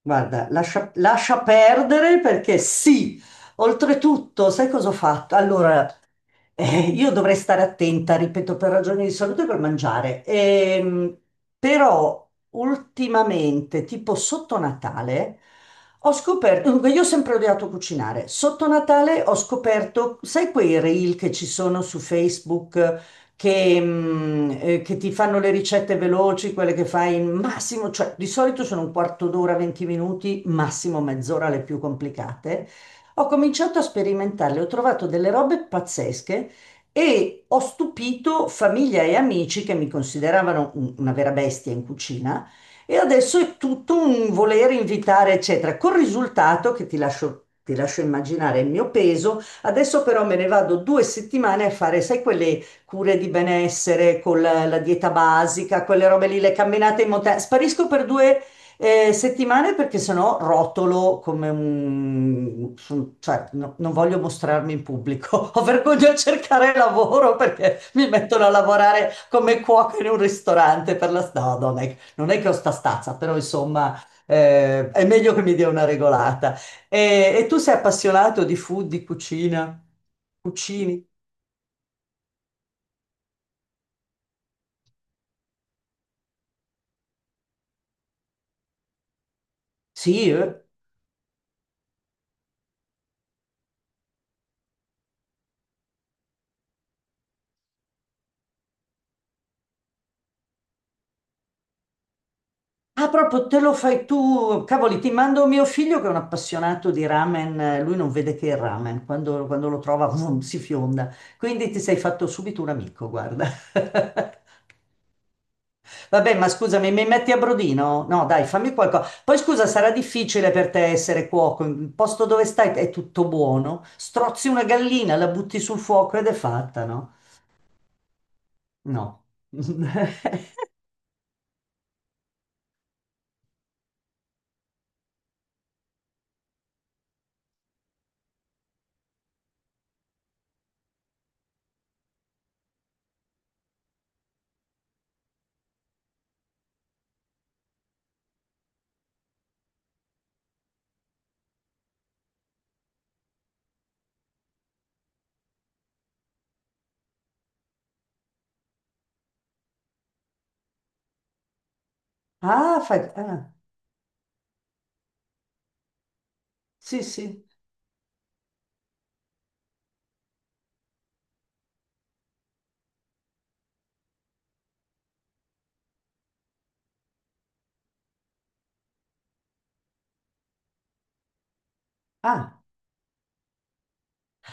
Guarda, lascia perdere perché sì, oltretutto, sai cosa ho fatto? Allora, io dovrei stare attenta, ripeto, per ragioni di salute col mangiare. Però ultimamente, tipo sotto Natale, ho scoperto, dunque io ho sempre odiato cucinare, sotto Natale ho scoperto, sai quei reel che ci sono su Facebook? Che ti fanno le ricette veloci, quelle che fai in massimo, cioè di solito sono un quarto d'ora, 20 minuti, massimo mezz'ora le più complicate. Ho cominciato a sperimentarle, ho trovato delle robe pazzesche e ho stupito famiglia e amici che mi consideravano una vera bestia in cucina. E adesso è tutto un volere invitare, eccetera, col risultato che ti lascio immaginare il mio peso. Adesso però me ne vado 2 settimane a fare, sai, quelle cure di benessere, con la dieta basica, quelle robe lì, le camminate in montagna. Sparisco per due settimane perché sennò rotolo come un... cioè, non voglio mostrarmi in pubblico. Ho vergogna a cercare lavoro perché mi mettono a lavorare come cuoca in un ristorante per la strada. Non è che ho sta stazza, però insomma... è meglio che mi dia una regolata. E tu sei appassionato di food, di cucina? Cucini? Sì, eh. Ah, proprio te lo fai tu, cavoli, ti mando mio figlio che è un appassionato di ramen, lui non vede che il ramen, quando lo trova vum, si fionda, quindi ti sei fatto subito un amico, guarda. Vabbè, ma scusami, mi metti a brodino? No, dai, fammi qualcosa. Poi scusa, sarà difficile per te essere cuoco, il posto dove stai è tutto buono, strozzi una gallina, la butti sul fuoco ed è fatta, no? No. Ah, fai... ah, sì, sì. Ah.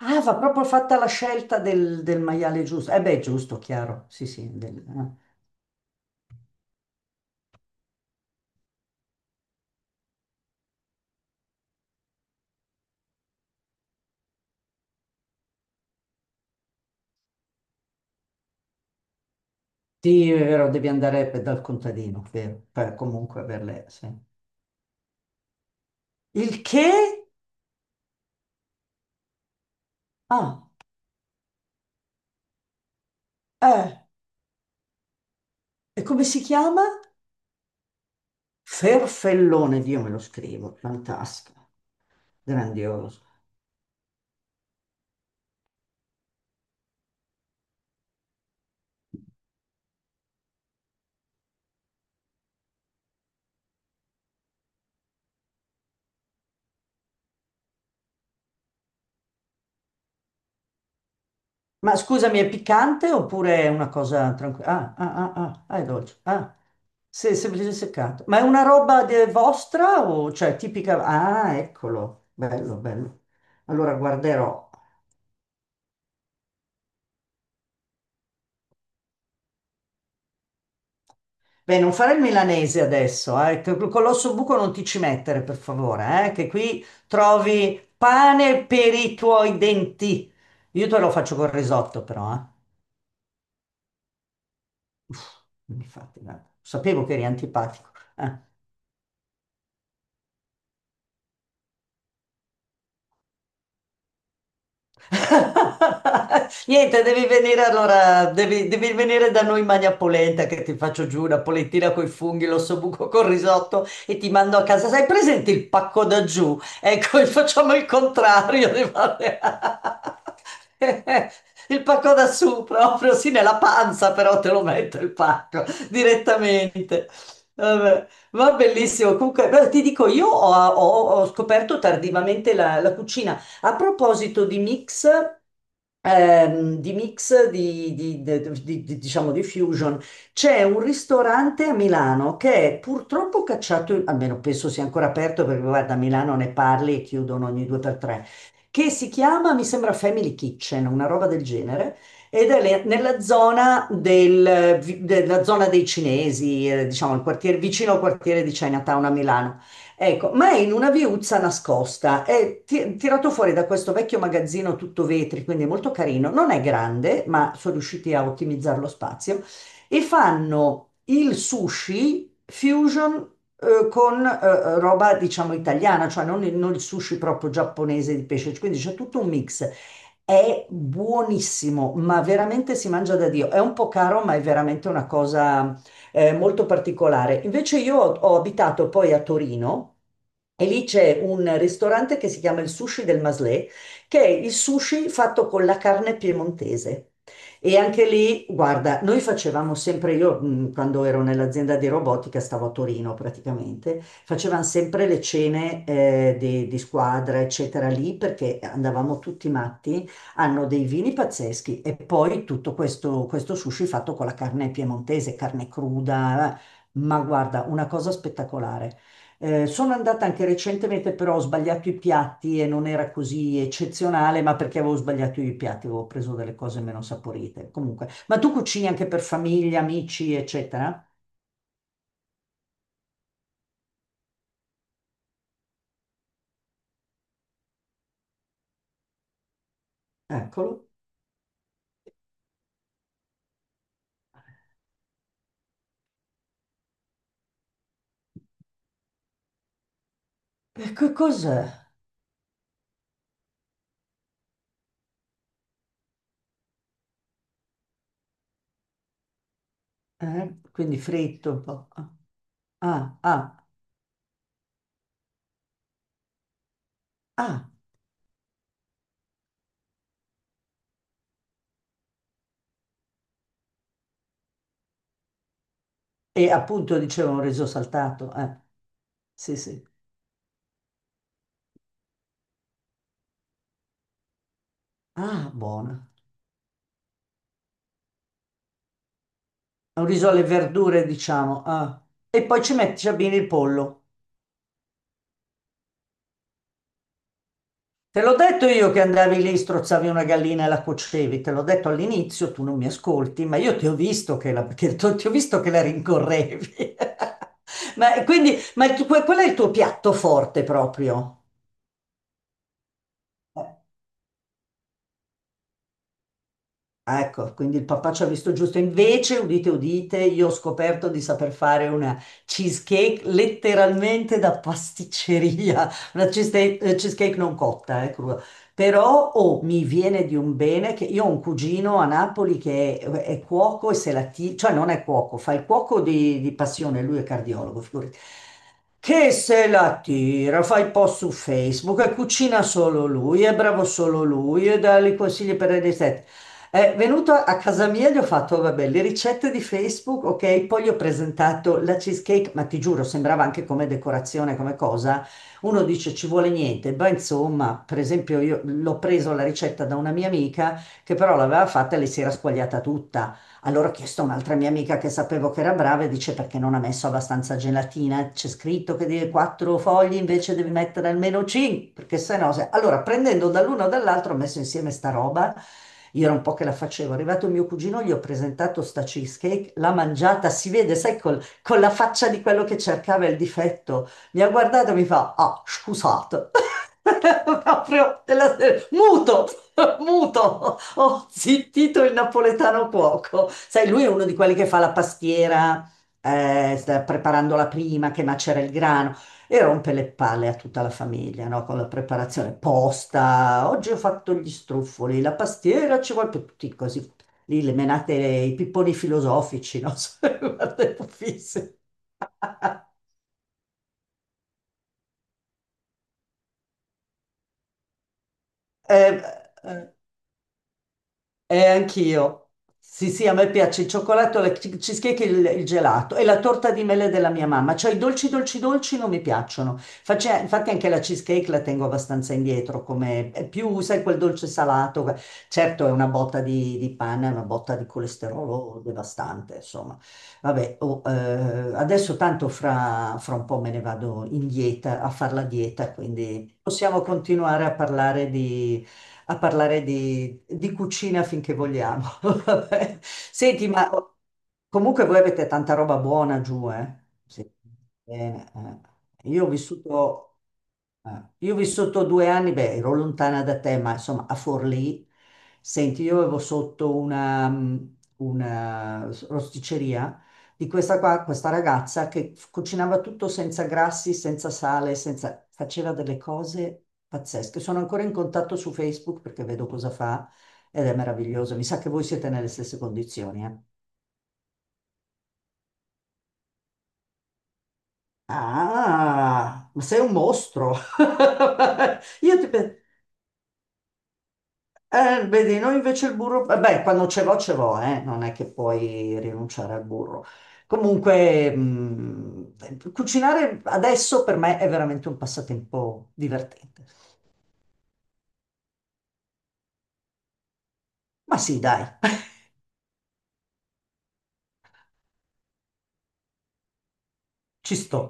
Ah, va proprio fatta la scelta del maiale giusto. Eh beh, giusto, chiaro. Sì, sì. del- eh. Sì, è vero, devi andare dal contadino, vero, per comunque averle. Sì. Il che? Ah, eh. E come si chiama? Ferfellone, Dio me lo scrivo. Fantastico, grandioso. Ma scusami, è piccante oppure è una cosa tranquilla? Ah, ah, ah, ah, ah, è dolce. Ah, sì, semplice seccato. Ma è una roba vostra o cioè tipica? Ah, eccolo, bello, bello. Allora guarderò. Beh, non fare il milanese adesso, eh. che- Con l'osso buco non ti ci mettere, per favore, che qui trovi pane per i tuoi denti. Io te lo faccio col risotto, però, eh. Uff, non mi fate nada. Sapevo che eri antipatico. Eh. Niente, devi venire allora, devi venire da noi in Magna Polenta che ti faccio giù una polentina coi funghi, l'ossobuco col risotto e ti mando a casa. Sai presente il pacco da giù? Ecco, facciamo il contrario. Il pacco da su proprio, sì, nella panza però te lo metto il pacco direttamente. Vabbè. Va bellissimo, comunque beh, ti dico, io ho scoperto tardivamente la cucina. A proposito di mix, diciamo di fusion, c'è un ristorante a Milano che è purtroppo cacciato, almeno penso sia ancora aperto perché guarda, a Milano ne parli e chiudono ogni due per tre, che si chiama, mi sembra Family Kitchen, una roba del genere. Ed è nella zona, della zona dei cinesi, diciamo il quartiere, vicino al quartiere di Chinatown a Milano. Ecco, ma è in una viuzza nascosta, è tirato fuori da questo vecchio magazzino tutto vetri, quindi è molto carino, non è grande, ma sono riusciti a ottimizzare lo spazio, e fanno il sushi fusion con roba, diciamo, italiana, cioè non il sushi proprio giapponese di pesce, quindi c'è tutto un mix. È buonissimo, ma veramente si mangia da Dio. È un po' caro, ma è veramente una cosa molto particolare. Invece io ho abitato poi a Torino. E lì c'è un ristorante che si chiama il Sushi del Maslé, che è il sushi fatto con la carne piemontese. E anche lì, guarda, noi facevamo sempre, io quando ero nell'azienda di robotica, stavo a Torino praticamente, facevamo sempre le cene di squadra, eccetera, lì perché andavamo tutti matti, hanno dei vini pazzeschi e poi tutto questo, questo sushi fatto con la carne piemontese, carne cruda, eh. Ma guarda, una cosa spettacolare. Sono andata anche recentemente, però ho sbagliato i piatti e non era così eccezionale, ma perché avevo sbagliato i piatti, avevo preso delle cose meno saporite. Comunque, ma tu cucini anche per famiglia, amici, eccetera? Eccolo. E che cos'è? Quindi fritto un po'. Ah, ah, ah. ah. E appunto dicevo un riso saltato. Sì, sì. Ah, buona. È un riso alle verdure, diciamo. Ah. E poi ci metti, ci abbini il pollo. Te l'ho detto io che andavi lì, strozzavi una gallina e la cuocevi. Te l'ho detto all'inizio, tu non mi ascolti, ma io ti ho visto che la, ti ho visto che la rincorrevi. Ma quindi, ma quello è il tuo piatto forte proprio. Eh, Ecco, quindi il papà ci ha visto giusto. Invece, udite, udite, io ho scoperto di saper fare una cheesecake letteralmente da pasticceria, una cheesecake, cheesecake non cotta, crua. Però oh, mi viene di un bene che io ho un cugino a Napoli che è cuoco e se la tira, cioè non è cuoco, fa il cuoco di passione, lui è cardiologo, figurati. Che se la tira, fa i post su Facebook e cucina solo lui, è bravo solo lui e dà i consigli per le ricette. È venuto a casa mia e gli ho fatto, vabbè, le ricette di Facebook, ok, poi gli ho presentato la cheesecake, ma ti giuro, sembrava anche come decorazione, come cosa. Uno dice ci vuole niente, beh, insomma, per esempio io l'ho preso la ricetta da una mia amica che però l'aveva fatta e le si era squagliata tutta. Allora ho chiesto a un'altra mia amica che sapevo che era brava e dice perché non ha messo abbastanza gelatina? C'è scritto che deve 4 fogli invece devi mettere almeno 5, perché sennò se... Allora prendendo dall'uno o dall'altro ho messo insieme sta roba. Io era un po' che la facevo. È arrivato mio cugino, gli ho presentato sta cheesecake, l'ha mangiata, si vede, sai, con la faccia di quello che cercava il difetto. Mi ha guardato e mi fa, ah, scusate. Proprio della serie- muto, muto, ho zittito il napoletano cuoco. Sai, lui è uno di quelli che fa la pastiera, sta preparando la prima, che macera il grano e rompe le palle a tutta la famiglia, no? Con la preparazione posta. Oggi ho fatto gli struffoli, la pastiera ci vuole per tutti così. Lì le menate, i pipponi filosofici, no? Guarda, fisse. Eh, eh. Anch'io. Sì, sì, a me piace il cioccolato, la cheesecake e il gelato e la torta di mele della mia mamma. Cioè i dolci, dolci, dolci non mi piacciono. Face- infatti anche la cheesecake la tengo abbastanza indietro, come è più, sai, quel dolce salato. Certo è una botta di pane, è una botta di colesterolo devastante, insomma. Vabbè, oh, adesso tanto fra un po' me ne vado in dieta, a fare la dieta, quindi possiamo continuare a parlare di cucina finché vogliamo. Vabbè. Senti, ma comunque voi avete tanta roba buona giù, eh? Sì. Bene, eh. Io ho vissuto... io ho vissuto 2 anni, beh, ero lontana da te, ma insomma a Forlì, senti, io avevo sotto una rosticceria di questa ragazza che cucinava tutto senza grassi, senza sale, senza... faceva delle cose pazzesche. Sono ancora in contatto su Facebook perché vedo cosa fa ed è meraviglioso. Mi sa che voi siete nelle stesse condizioni, eh. Ah, ma sei un mostro! Io ti pe- vedi, noi invece il burro, beh, quando ce l'ho, non è che puoi rinunciare al burro. Comunque, cucinare adesso per me è veramente un passatempo divertente. Ma sì, dai, ci sto.